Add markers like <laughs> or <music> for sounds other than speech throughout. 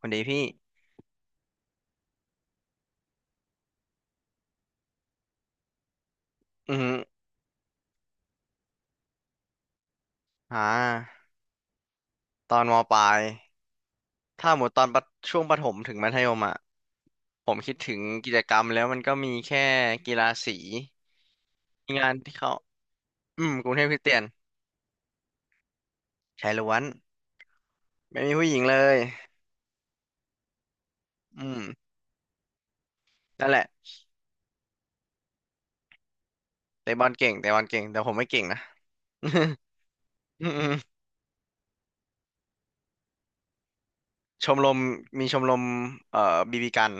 คนดีพี่อือฮึอ่าตอนมปลาย ถ้าหมดตอนประช่วงประถมถึงมัธยมอ่ะผมคิดถึงกิจกรรมแล้วมันก็มีแค่กีฬาสีมีงานที่เขาอืมกรุงเทพคริสเตียนชายล้วนไม่มีผู้หญิงเลยอืมนั่นแหละเตะบอลเก่งเตะบอลเก่งแต่ผมไม่เก่งนะ <laughs> อืมๆชมรมมีชมรมบีบีกัน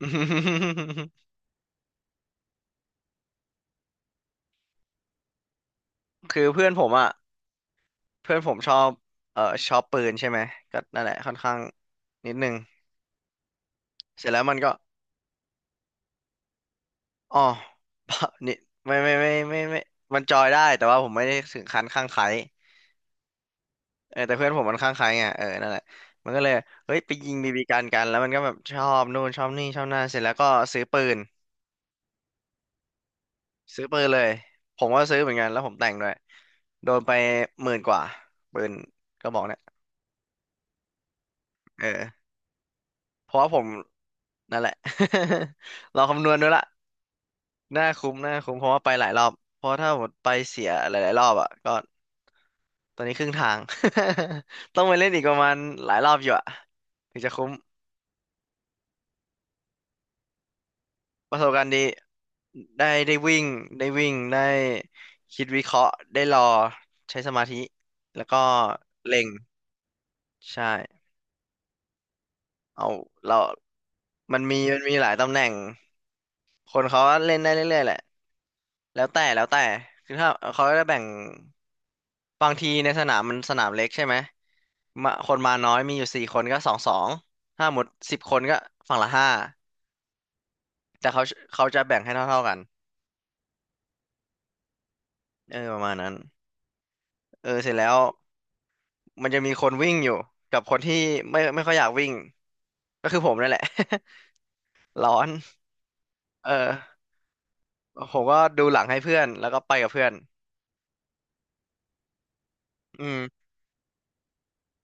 <laughs> คือเพื่อนผมอ่ะเพื่อนผมชอบเอ่อชอบปืนใช่ไหมก็นั่นแหละค่อนข้างนิดนึง เสร็จแล้วมันก็อ๋อ <laughs> นี่ไม่มันจอยได้แต่ว่าผมไม่ได้ถึงขั้นข้างไคล้เออแต่เพื่อนผมมันข้างไคล้ไงเออนั่นแหละมันก็เลยเฮ้ยไปยิงบีบีกันแล้วมันก็แบบชอบนู่นชอบนี่ชอบนั่นเสร็จแล้วก็ซื้อปืนซื้อปืนเลยผมก็ซื้อเหมือนกันแล้วผมแต่งด้วยโดนไปหมื่นกว่าปืนก็บอกเนี่ยเออเพราะว่าผมนั่นแหละ <laughs> เราคำนวณด้วยละ น่าคุ้มน่าคุ้มเพราะว่าไปหลายรอบเพราะถ้าหมดไปเสียหลายๆรอบอ่ะก็ตอนนี้ครึ่งทาง <laughs> ต้องไปเล่นอีกประมาณหลายรอบอยู่อ่ะถึงจะคุ้มประสบการณ์ดีได้ได้วิ่งได้วิ่งได้คิดวิเคราะห์ได้รอใช้สมาธิแล้วก็เล็งใช่เอาเรามันมีหลายตำแหน่ง คนเขาเล่นได้เรื่อยๆแหละ แล้วแต่คือถ้าเขาจะแบ่งบางทีในสนามมันสนามเล็กใช่ไหมมาคนมาน้อยมีอยู่สี่คนก็สองสองถ้าหมดสิบคนก็ฝั่งละห้าแต่เขาเขาจะแบ่งให้เท่าๆกันเออประมาณนั้นเออเสร็จแล้วมันจะมีคนวิ่งอยู่กับคนที่ไม่ค่อยอยากวิ่ง ก็คือผมนั่นแหละ <laughs> ร้อนเออผมก็ดูหลังให้เพื่อนแล้วก็ไปกับเพื่อนอืม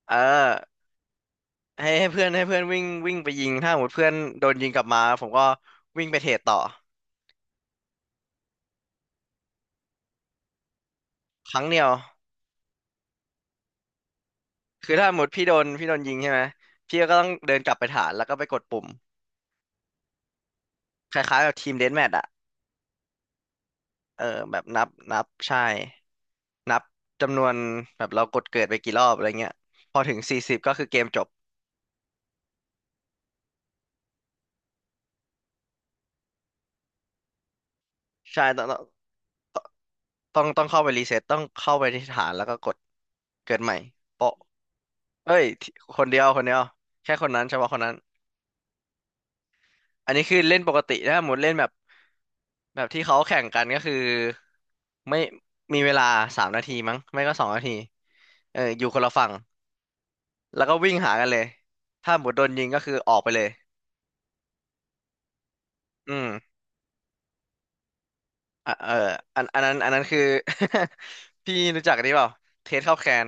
เออ ให้เพื่อนวิ่งวิ่งไปยิงถ้าหมดเพื่อนโดนยิงกลับมาผมก็วิ่งไปเทรดต่อครั้งเดียวคือถ้าหมดพี่โดนยิงใช่ไหมพี่ก็ต้องเดินกลับไปฐานแล้วก็ไปกดปุ่มคล้ายๆแบบทีมเดธแมทอะเออแบบนับใช่นับจำนวนแบบเรากดเกิดไปกี่รอบอะไรเงี้ยพอถึงสี่สิบก็คือเกมจบใช่ต้องเข้าไปรีเซ็ตต้องเข้าไปที่ฐานแล้วก็กดเกิดใหม่โปะเอ้ยที่คนเดียวแค่คนนั้นเฉพาะคนนั้น อันนี้คือเล่นปกติถ้าหมดเล่นแบบแบบที่เขาแข่งกันก็คือไม่มีเวลาสามนาทีมั้งไม่ก็สองนาทีเออคนละฝั่งแล้วก็วิ่งหากันเลยถ้าหมดโดนยิงก็คือออกไปเลยอืมอ่ะเอออันนั้นคือ <laughs> พี่รู้จักอันนี้เปล่าเทสเข้าแคน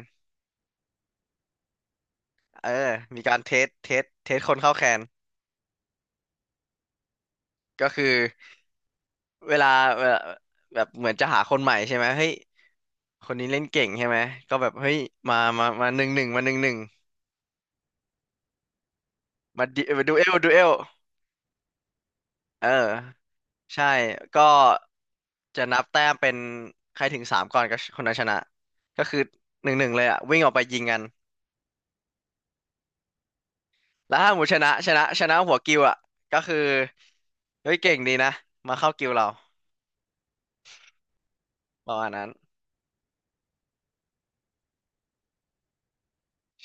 เออมีการเทสคนเข้าแคนก็คือเวลาเวลาแบบเหมือนจะหาคนใหม่ใช่ไหมเฮ้ยคนนี้เล่นเก่งใช่ไหมก็แบบเฮ้ยมาหนึ่งหนึ่งมาหนึ่งหนึ่ง มาดิมาดูเอล เออ ใช่ ก็จะนับแต้มเป็นใครถึงสามก่อนก็คนนั้นชนะก็คือหนึ่งหนึ่งเลยอ่ะวิ่งออกไปยิงกันแล้วถ้าหมูชนะชนะหัวกิวอ่ะก็คือเฮ้ยเก่งดีนะมาเข้ากิวเราประมาณนั้น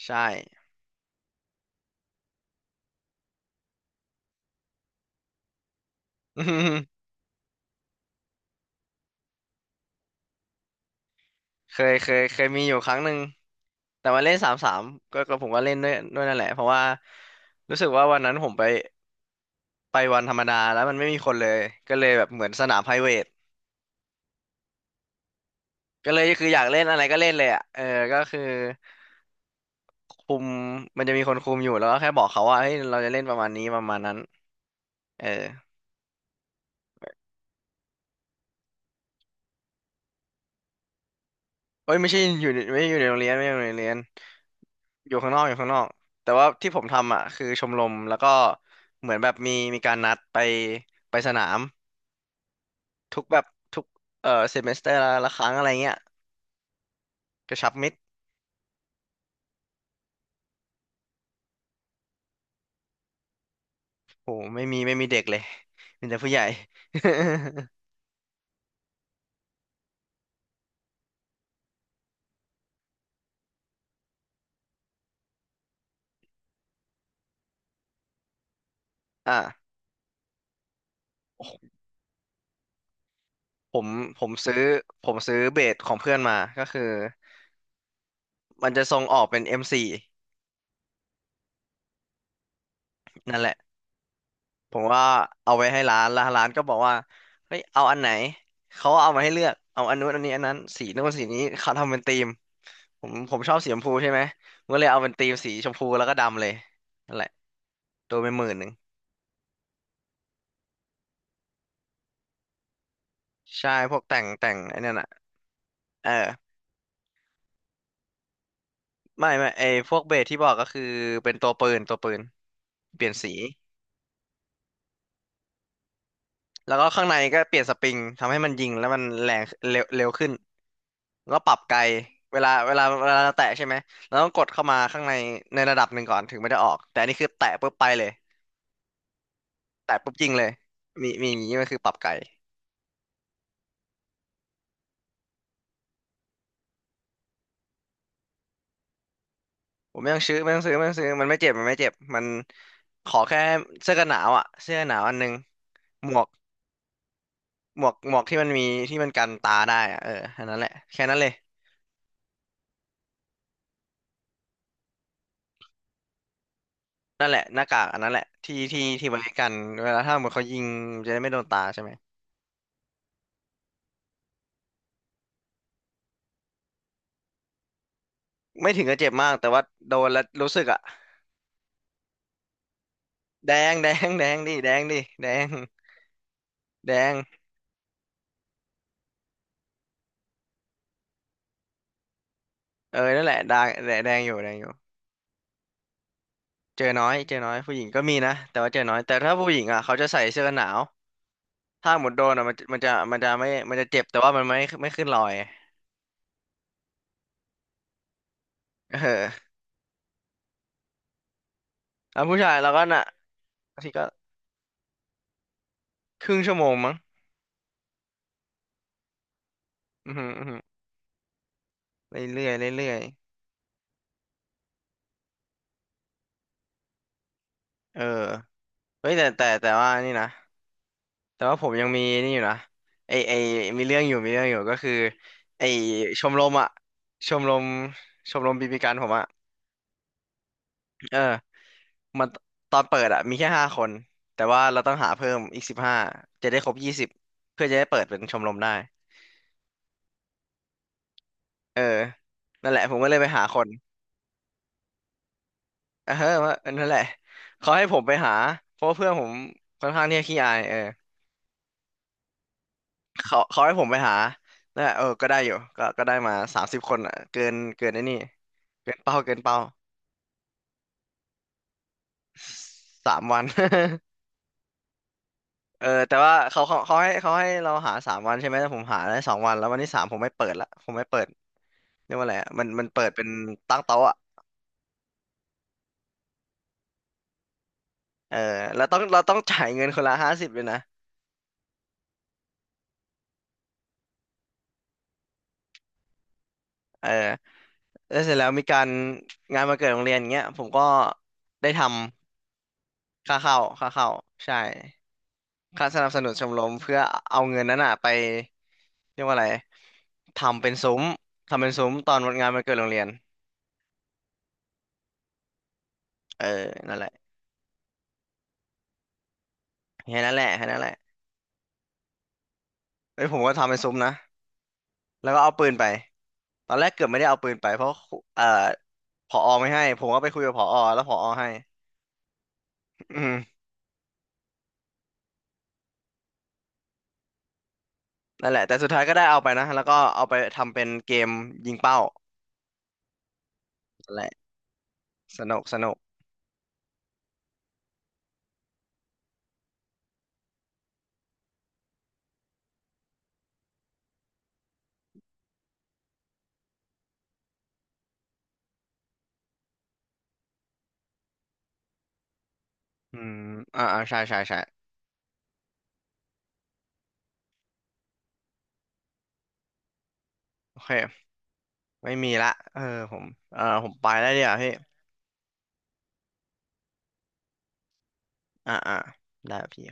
ใช่ <laughs> อืมเคยมีอยู่ครั้งหนึ่งแต่มาเล่นสามสามก็ก็ผมก็เล่นด้วยนั่นแหละเพราะว่ารู้สึกว่าวันนั้นผมไปวันธรรมดาแล้วมันไม่มีคนเลยก็เลยแบบเหมือนสนามไพรเวท ก็เลยคืออยากเล่นอะไรก็เล่นเลยอ่ะเออก็คือคุมมันจะมีคนคุมอยู่แล้วก็แค่บอกเขาว่าเฮ้ยเราจะเล่นประมาณนี้ประมาณนั้นเออเอ้ยไม่ใช่อยู่ในไม่ใช่อยู่ในโรงเรียนไม่ใช่อยู่ในโรงเรียนอยู่ข้างนอกแต่ว่าที่ผมทำอ่ะคือชมรมแล้วก็เหมือนแบบมีการนัดไปสนามทุกแบบทุกเออเซมิสเตอร์ละครั้งอะไรเงี้ยกระชับมิตรโหไม่มีเด็กเลยมีแต่ผู้ใหญ่ <laughs> อ่ะผมผมซื้อผมซื้อเบสของเพื่อนมาก็คือ มันจะทรงออกเป็น M4 นั่นแหละผมว่าเอาไว้ให้ร้านแล้วร้านก็บอกว่าเฮ้ยเอาอันไหนเขาเอามาให้เลือกเอาอันนู้นอันนี้อันนั้นสีนู้นสีนี้เขาทำเป็นธีมผมชอบสีชมพูใช่ไหมผมก็เลยเอาเป็นธีมสีชมพูแล้วก็ดำเลยนั่นแหละโดนไป11,000ใช่พวกแต่งแต่งไอ้นั่นอ่ะเออไม่พวกเบสที่บอกก็คือเป็นตัวปืนเปลี่ยนสีแล้วก็ข้างในก็เปลี่ยนสปริงทำให้มันยิงแล้วมันแรงเร็วเร็วขึ้น แล้วปรับไกลเวลาเราแตะใช่ไหมเราต้องกดเข้ามาข้างในในระดับหนึ่งก่อนถึงไม่ได้ออกแต่อันนี้คือแตะปุ๊บไปเลยแตะปุ๊บยิงเลยมีอย่างนี้มันคือปรับไกลผมไม่ต้องซื้อไม่ต้องซื้อไม่ต้องซื้อมันไม่เจ็บมันไม่เจ็บมันขอแค่เสื้อกันหนาวอ่ะเสื้อกันหนาวอันหนึงหมวกหมวกที่มันมีที่มันกันตาได้อะเอออันนั้นแหละแค่นั้นเลยนั่นแหละหน้ากากอันนั้นแหละที่ไว้กันเวลาถ้าเหมือนเขายิงมันจะได้ไม่โดนตาใช่ไหมไม่ถึงกับเจ็บมากแต่ว่าโดนแล้วรู้สึกอ่ะ แดงแดง แดงดิแดงดิแดงแดงเออนั่นแหละแดงแดงแดงอยู่แดงอยู่เจอน้อยเจอน้อยผู้หญิงก็มีนะแต่ว่าเจอน้อย แต่ถ้าผู้หญิงอ่ะเขาจะใส่เสื้อกันหนาวถ้าหมดโดนอ่ะมันจะไม่มันจะเจ็บ แต่ว่ามันไม่ไม่ขึ้นรอยเออแล้วผู้ชายเราก็น่ะบางทีก็ครึ่งชั่วโมงมั้งอือหืออือหือเรื่อยๆเรื่อยๆเออเฮ้ยแต่ว่านี่นะแต่ว่าผมยังมีนี่อยู่นะไอมีเรื่องอยู่ ก็คือไอชมรมอะชมรมชมรมบีบีกันผมอ่ะ เออมันตอนเปิดอะมีแค่ห้าคนแต่ว่าเราต้องหาเพิ่มอีก15จะได้ครบ20เพื่อจะได้เปิดเป็นชมรมได้เออนั่นแหละผมก็เลยไปหาคนเออว่าเออนั่นแหละเขาให้ผมไปหาเพราะว่าเพื่อนผมค่อนข้างที่จะขี้อายเออเขาให้ผมไปหานั่นแหละเออก็ได้อยู่ก็ก็ได้มา30คนอะเกินไอ้นี่เกินเป้าเกินเป้าสามวัน <laughs> เออแต่ว่าเขาให้เราหาสามวันใช่ไหมแต่ผมหาได้สองวันแล้ววันที่สามผมไม่เปิดละผมไม่เปิด เรียกว่าอะไรอะมันเปิดเป็นตั้งโต๊ะอะเออแล้วต้องเราต้องจ่ายเงินคนละ50เลยนะเออแล้วเสร็จแล้วมีการงานวันเกิดโรงเรียนอย่างเงี้ยผมก็ได้ทำค่าเข้าใช่ค่าสนับสนุนชมรมเพื่อเอาเงินนั้นอ่ะไปเรียกว่าอะไรทำเป็นซุ้มทำเป็นซุ้มตอนวันงานวันเกิดโรงเรียนเออนั่นแหละแค่นั้นแหละแค่นั้นแหละเอ้ยผมก็ทำเป็นซุ้มนะแล้วก็เอาปืนไปตอนแรกเกือบไม่ได้เอาปืนไปเพราะครูผอไม่ให้ผมก็ไปคุยกับผอแล้วผอให้ <laughs> อืม นั่นแหละแต่สุดท้ายก็ได้เอาไปนะแล้วก็เอาไปทำเป็นเกมยิงเป้านั่นแหละสนุกสนุกอืมอ่าอ่าใช่ใช่ใช่โอเคไม่มีละเออผมเออผมไปแล้วเดี๋ยวาพี่อ่าอ่าได้พี่